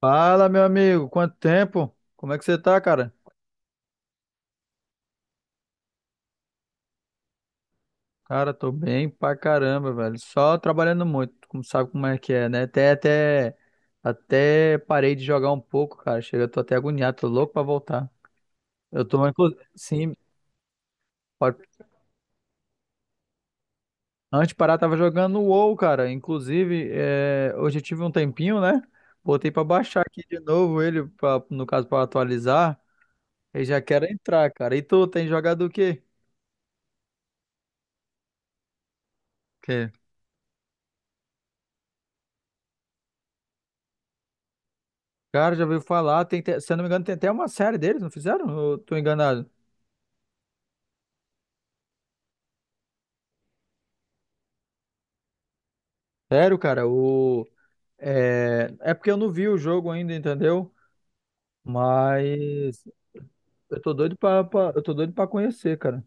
Fala, meu amigo, quanto tempo? Como é que você tá, cara? Cara, tô bem pra caramba, velho. Só trabalhando muito, como sabe como é que é, né? Até parei de jogar um pouco, cara. Chega, eu tô até agoniado, tô louco pra voltar. Eu tô, sim, pode- antes de parar, tava jogando o WoW, cara. Inclusive, hoje eu tive um tempinho, né? Botei pra baixar aqui de novo ele, pra, no caso, pra atualizar. E já quero entrar, cara. E tu, tem jogado o quê? Cara, já ouviu falar, tem, até- se eu não me engano, tem até uma série deles, não fizeram? Eu tô enganado. Sério, cara, o... É porque eu não vi o jogo ainda, entendeu? Mas eu tô doido pra, pra- eu tô doido pra conhecer, cara.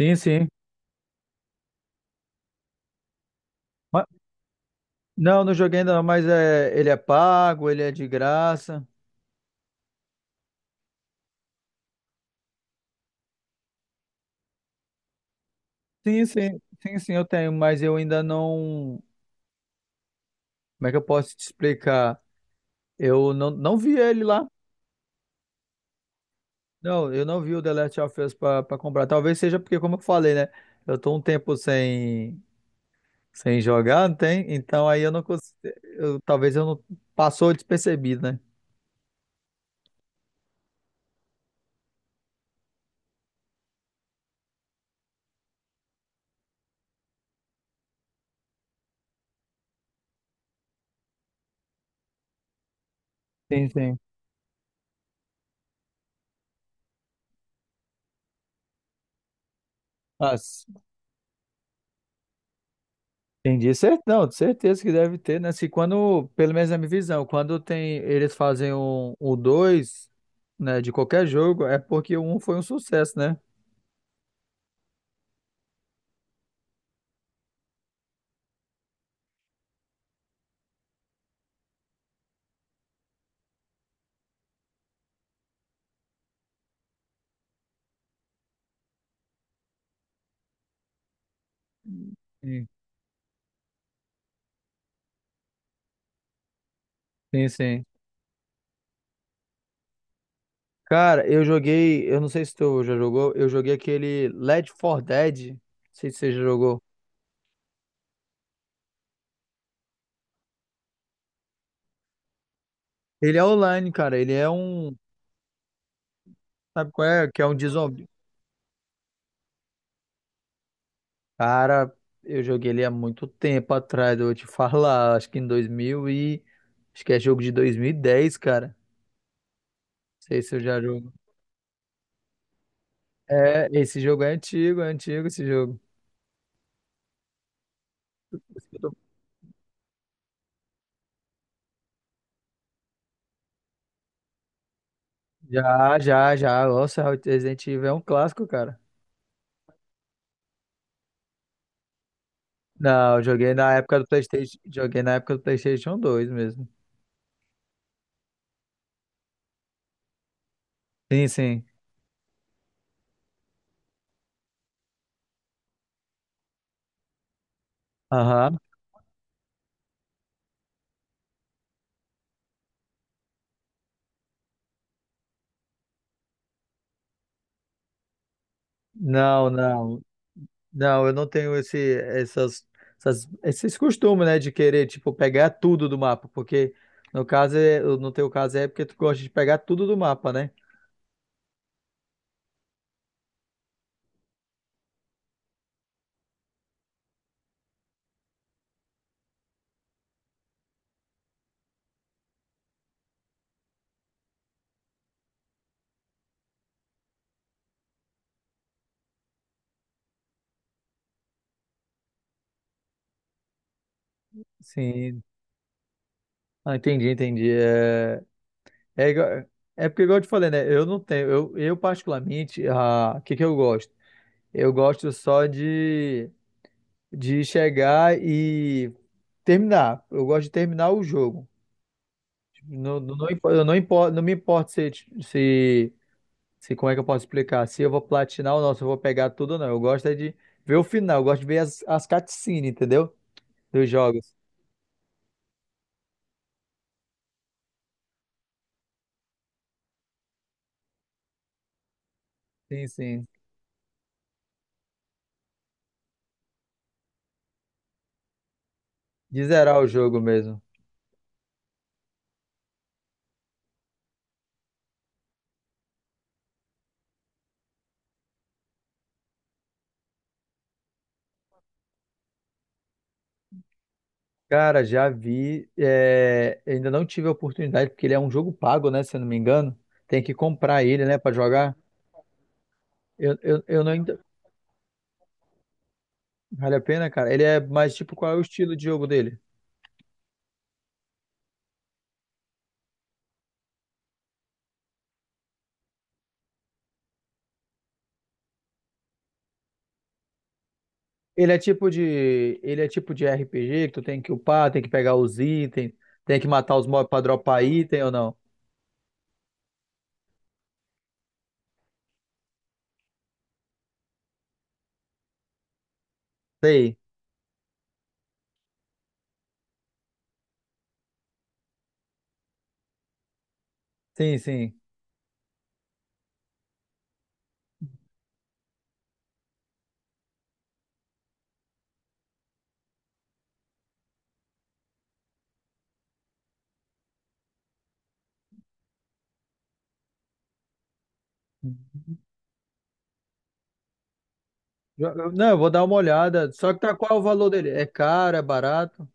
Sim, sim. Ma- não, não joguei ainda não, mas é, ele é pago, ele é de graça. Sim, sim, sim, sim, eu tenho, mas eu ainda não. Como é que eu posso te explicar? Eu não vi ele lá. Não, eu não vi o The Last of Us pra, pra comprar. Talvez seja porque, como eu falei, né? Eu tô um tempo sem, sem jogar, não tem? Então aí eu não consigo. Eu, talvez eu não. Passou despercebido, né? Sim, sim. Ah, s- entendi. Cer- Não, de certeza que deve ter, né? Se quando, pelo menos na minha visão, quando tem, eles fazem um, o dois, né, de qualquer jogo, é porque o um foi um sucesso, né? Sim, sim. Cara, eu joguei, eu não sei se tu já jogou, eu joguei aquele Left 4 Dead, não sei se você já jogou. Ele é online, cara, ele é um, sabe qual é? Que é um de zumbi. Cara, eu joguei ele há muito tempo atrás, eu vou te falar, acho que em 2000 e, acho que é jogo de 2010 cara. Não sei se eu já jogo. É, esse jogo é antigo esse jogo. Já, já, já, nossa, Resident Evil é um clássico, cara. Não, eu joguei na época do PlayStation, joguei na época do PlayStation dois mesmo. Sim, sim. Aham. Não, não. Não, eu não tenho esse, essas, essas- esses costumes, né, de querer, tipo, pegar tudo do mapa, porque no caso, é- no teu caso é porque tu gosta de pegar tudo do mapa, né? Sim. Ah, entendi, entendi. É, igual- é porque, igual eu te falei, né, eu não tenho, eu particularmente, ah, o que que eu gosto? Eu gosto só de chegar e terminar. Eu gosto de terminar o jogo. Tipo, Não, não, não, impo- eu não, importo, não me importa se, se, se, como é que eu posso explicar? Se eu vou platinar ou não, se eu vou pegar tudo ou não. Eu gosto é de ver o final, eu gosto de ver as, as cutscenes, entendeu? Dos jogos. Sim, sim. De zerar o jogo mesmo. Cara, já vi. É, ainda não tive a oportunidade, porque ele é um jogo pago, né? Se eu não me engano. Tem que comprar ele, né, pra jogar. Eu não ainda. Vale a pena, cara? Ele é mais tipo, qual é o estilo de jogo dele? Ele é tipo de RPG que tu tem que upar, tem que pegar os itens, tem que matar os mobs pra dropar item ou não? Sei. Sim, sim. Jo- eu- Não, eu vou dar uma olhada. Só que tá qual o valor dele? É caro, é barato?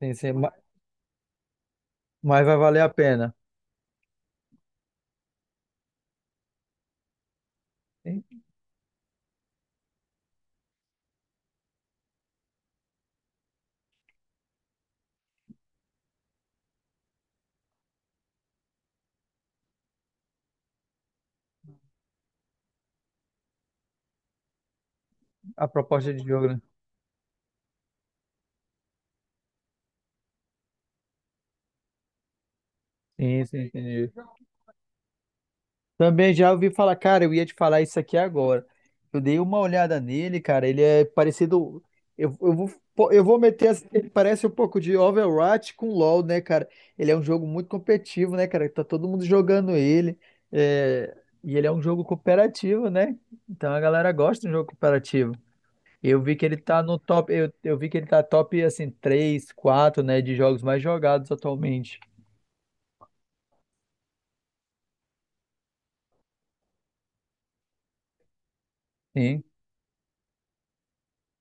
Sim, sim, ma- mas vai valer a pena. Sim, A proposta de jogo, né? Sim, sim, entendi. Também já ouvi falar, cara, eu ia te falar isso aqui agora. Eu dei uma olhada nele, cara, ele é parecido. Eu vou, pô, eu vou meter. Assim, Ele parece um pouco de Overwatch com LoL, né, cara? Ele é um jogo muito competitivo, né, cara? Tá todo mundo jogando ele. é, E ele é um jogo cooperativo, né? Então a galera gosta de um jogo cooperativo. Eu vi que ele tá no top. Eu vi que ele tá top, assim, 3, 4 né, de jogos mais jogados atualmente. Sim.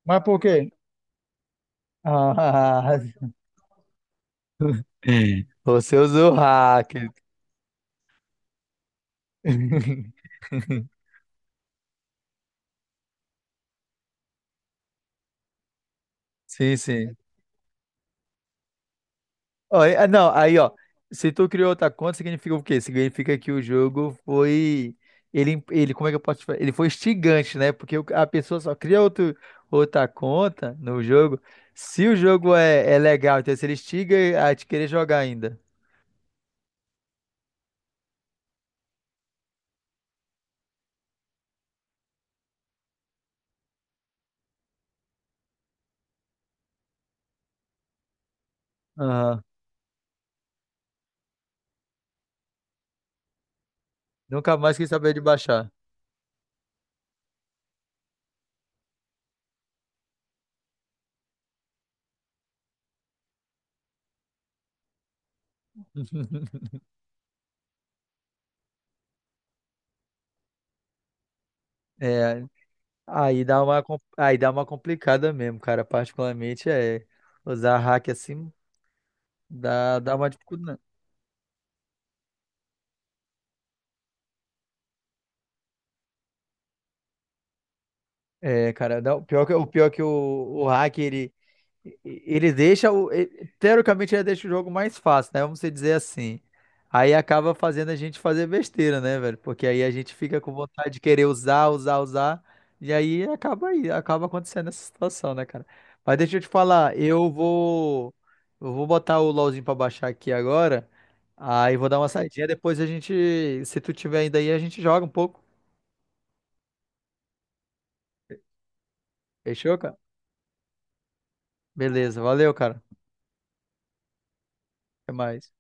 Mas por quê? Ah, Você usou o hack. Sim, sim. Ó, e- ah, não, aí, ó. Se tu criou outra conta, significa o quê? Significa que o jogo foi. Ele, como é que eu posso te falar? Ele foi instigante, né? Porque o- a pessoa só cria outro, outra conta no jogo se o jogo é legal. Então, se ele instiga a te querer jogar ainda. Aham. Nunca mais quis saber de baixar. É, aí dá uma complicada mesmo, cara. Particularmente é usar hack assim dá, dá uma dificuldade. Né? É, cara, dá, o pior que, o pior que o hack ele, Ele deixa o. ele- teoricamente, ele deixa o jogo mais fácil, né? Vamos dizer assim. Aí acaba fazendo a gente fazer besteira, né, velho? Porque aí a gente fica com vontade de querer usar, usar, usar. Acaba acontecendo essa situação, né, cara? Mas deixa eu te falar, eu vou. Eu vou botar o LOLzinho pra baixar aqui agora. Aí vou dar uma saidinha. Depois a gente. Se tu tiver ainda aí, a gente joga um pouco. Fechou, cara? Beleza, valeu, cara. Até mais.